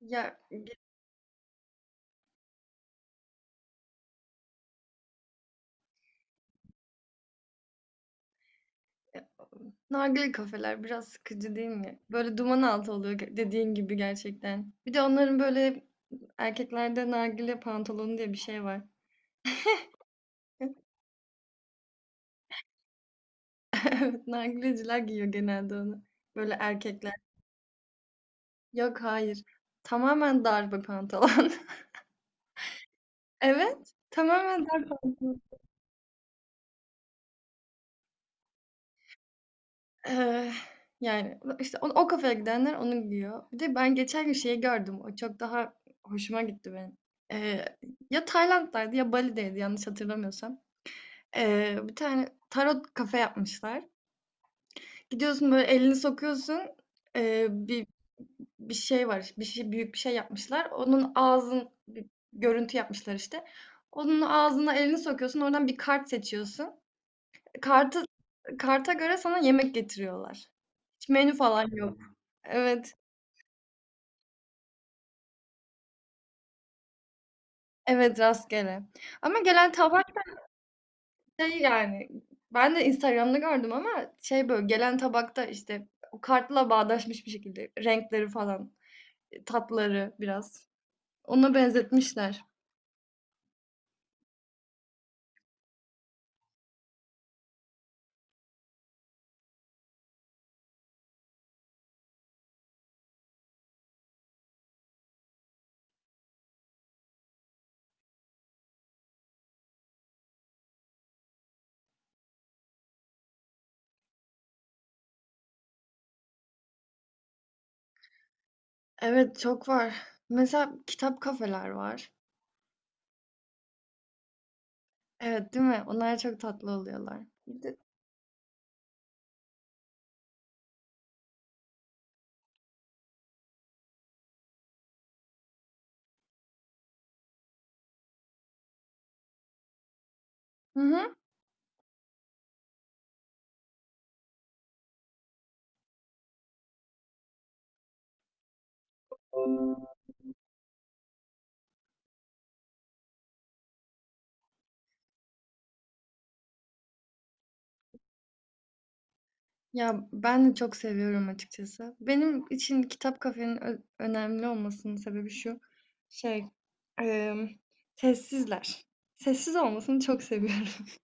Ya nargile kafeler biraz sıkıcı değil mi? Böyle duman altı oluyor dediğin gibi gerçekten. Bir de onların böyle erkeklerde nargile pantolonu diye bir şey var. Evet, nargileciler giyiyor genelde onu. Böyle erkekler. Yok hayır. Tamamen dar bir pantolon. Evet. Tamamen dar pantolon. Eee, Yani, işte o kafaya gidenler onu giyiyor. Bir de ben geçen gün şeyi gördüm, o çok daha hoşuma gitti benim. Eee, Ya Tayland'daydı ya Bali'deydi yanlış hatırlamıyorsam. Bir tane tarot kafe yapmışlar. Gidiyorsun, böyle, elini sokuyorsun, eee, bir bir şey var, bir şey büyük bir şey yapmışlar. Onun ağzın bir görüntü yapmışlar işte. Onun ağzına elini sokuyorsun, oradan bir kart seçiyorsun. Kartı Karta göre sana yemek getiriyorlar. Hiç menü falan yok. Evet. Evet, rastgele. Ama gelen tabak şey yani ben de Instagram'da gördüm ama şey böyle gelen tabakta işte o kartla bağdaşmış bir şekilde renkleri falan, tatları biraz. Ona benzetmişler. Evet, çok var. Mesela kitap kafeler var. Evet, değil mi? Onlar çok tatlı oluyorlar. Bir de- Hı hı. Ya, ben de çok seviyorum açıkçası. Benim için kitap kafenin önemli olmasının sebebi şu, şey, emm, sessizler. Sessiz olmasını çok seviyorum.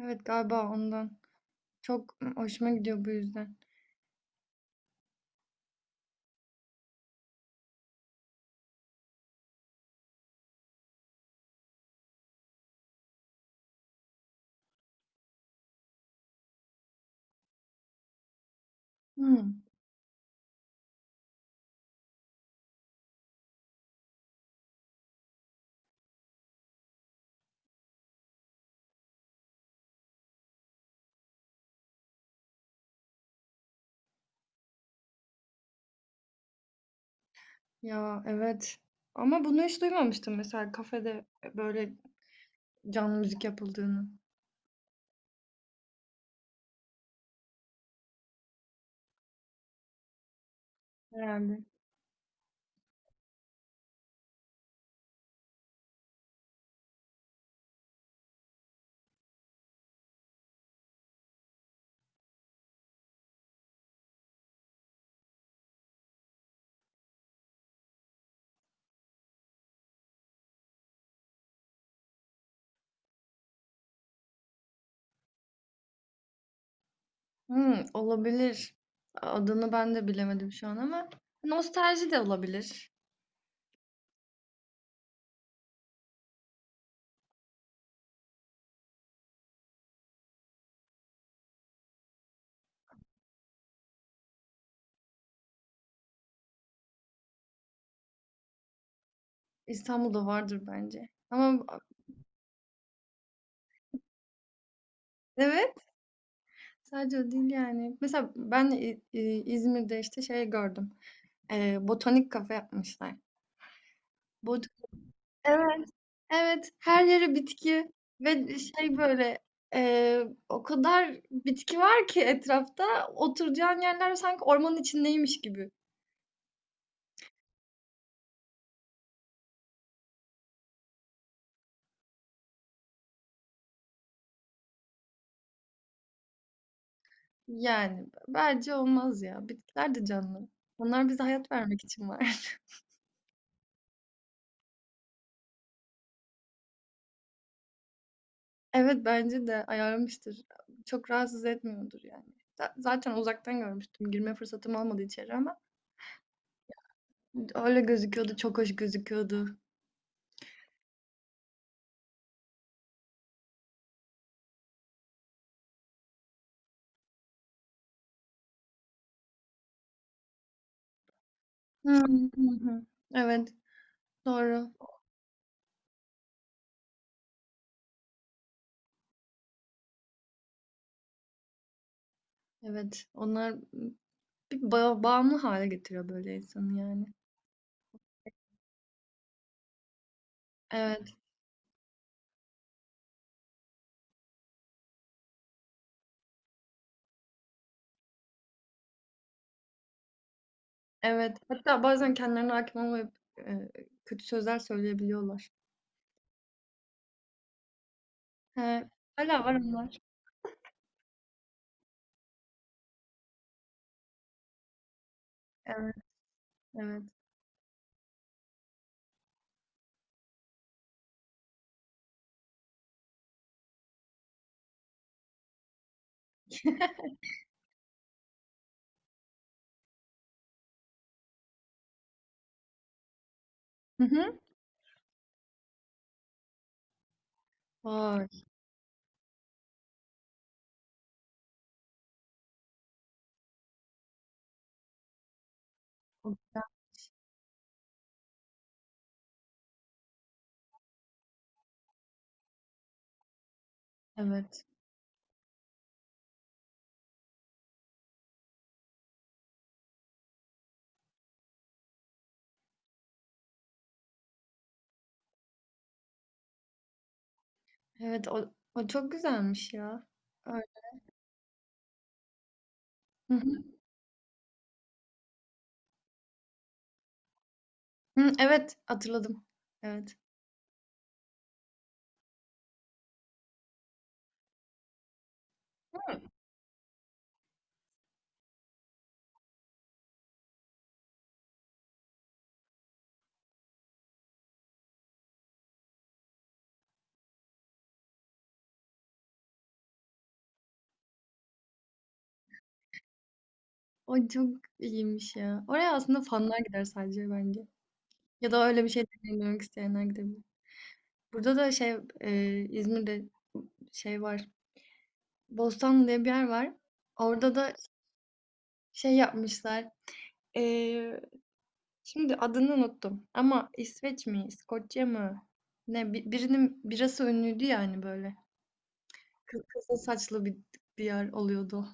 Evet, galiba ondan. Çok hoşuma gidiyor bu yüzden. Hımm. Ya, evet ama bunu hiç duymamıştım mesela kafede, böyle canlı müzik yapıldığını herhâlde. Hımm, olabilir. Adını ben de bilemedim şu an ama nostalji de olabilir. İstanbul'da vardır bence ama evet, sadece o değil yani. Mesela ben İzmir'de işte şey gördüm. Botanik kafe yapmışlar. Bot evet, evet. Her yere bitki ve şey böyle e, o kadar bitki var ki etrafta oturacağın yerler sanki ormanın içindeymiş gibi. Yani bence olmaz ya. Bitkiler de canlı. Onlar bize hayat vermek için var. Evet bence de ayarlamıştır. Çok rahatsız etmiyordur yani. Zaten uzaktan görmüştüm. Girme fırsatım olmadı içeri ama. Öyle gözüküyordu, çok hoş gözüküyordu. Hı. Hı hı. Evet, doğru. Evet, onlar bir bağımlı hâle getiriyor böyle insanı yani. Evet, evet. Hatta bazen kendilerine hâkim olmayıp, eee, kötü sözler söyleyebiliyorlar. He, hala var onlar. Evet, evet. Hı hı. Vay! Çok güzel. Evet. Evet, o çok güzelmiş ya. Evet. Hı hı. Hıı, evet, hatırladım. Evet. O çok iyiymiş ya. Oraya aslında fanlar gider sadece bence. Ya da öyle bir şey deneyimlemek isteyenler gidebilir. Burada da şey İzmir'de şey var. Bostanlı diye bir yer var. Orada da şey yapmışlar. E, Şimdi adını unuttum. Ama İsveç mi, İskoçya mı? Ne birinin birası ünlüydü yani böyle. Kızıl saçlı bir bir yer oluyordu.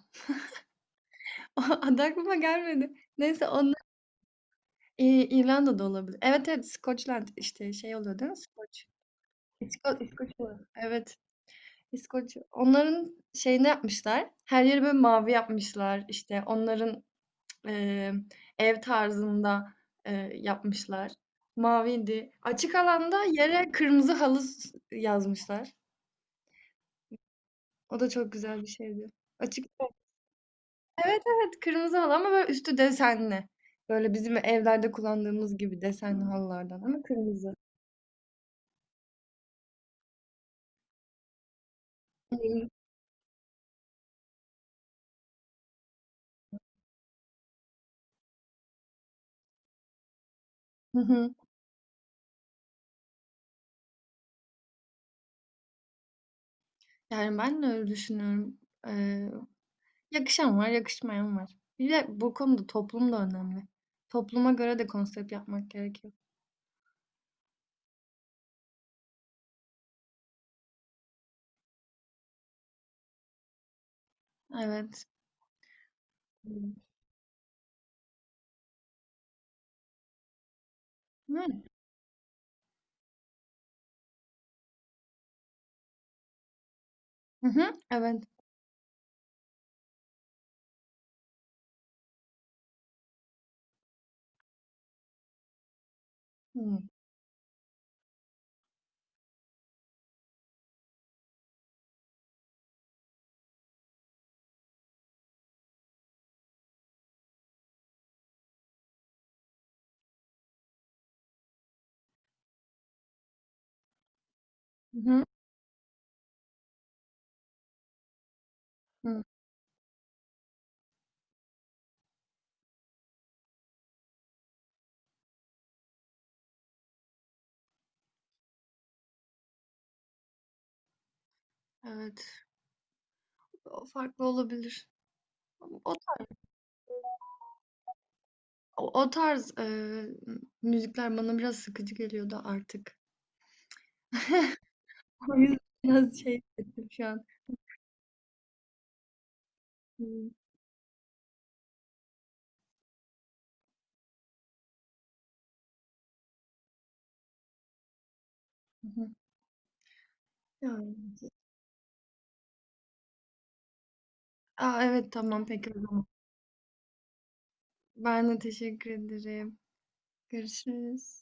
O adı aklıma gelmedi. Neyse onlar İrlanda'da olabilir. Evet, evet, Scotland işte şey oluyor değil mi? Skoç. İskoç. Evet. İskoç onların şeyini yapmışlar. Her yeri böyle mavi yapmışlar. İşte onların eee, ev tarzında yapmışlar. Maviydi. Açık alanda yere kırmızı halı yazmışlar. O da çok güzel bir şeydi. Açık. Evet, evet, kırmızı halı ama böyle üstü desenli. Böyle bizim evlerde kullandığımız gibi desenli halılardan ama kırmızı. Hı hı. Yani ben de öyle düşünüyorum. Eee Yakışan var, yakışmayan var. Bir de bu konuda toplum da önemli. Topluma göre de konsept yapmak gerekiyor. Evet. Hmm. Yani. Hı hı. Evet. Hmm. Hı hı. Hı. Evet. O farklı olabilir. O, O tarz müzikler bana biraz sıkıcı geliyordu artık. O yüzden biraz şey hissettim şu an. Hmm. Hı hı. Yani. Aa, evet tamam peki o zaman. Ben de teşekkür ederim. Görüşürüz.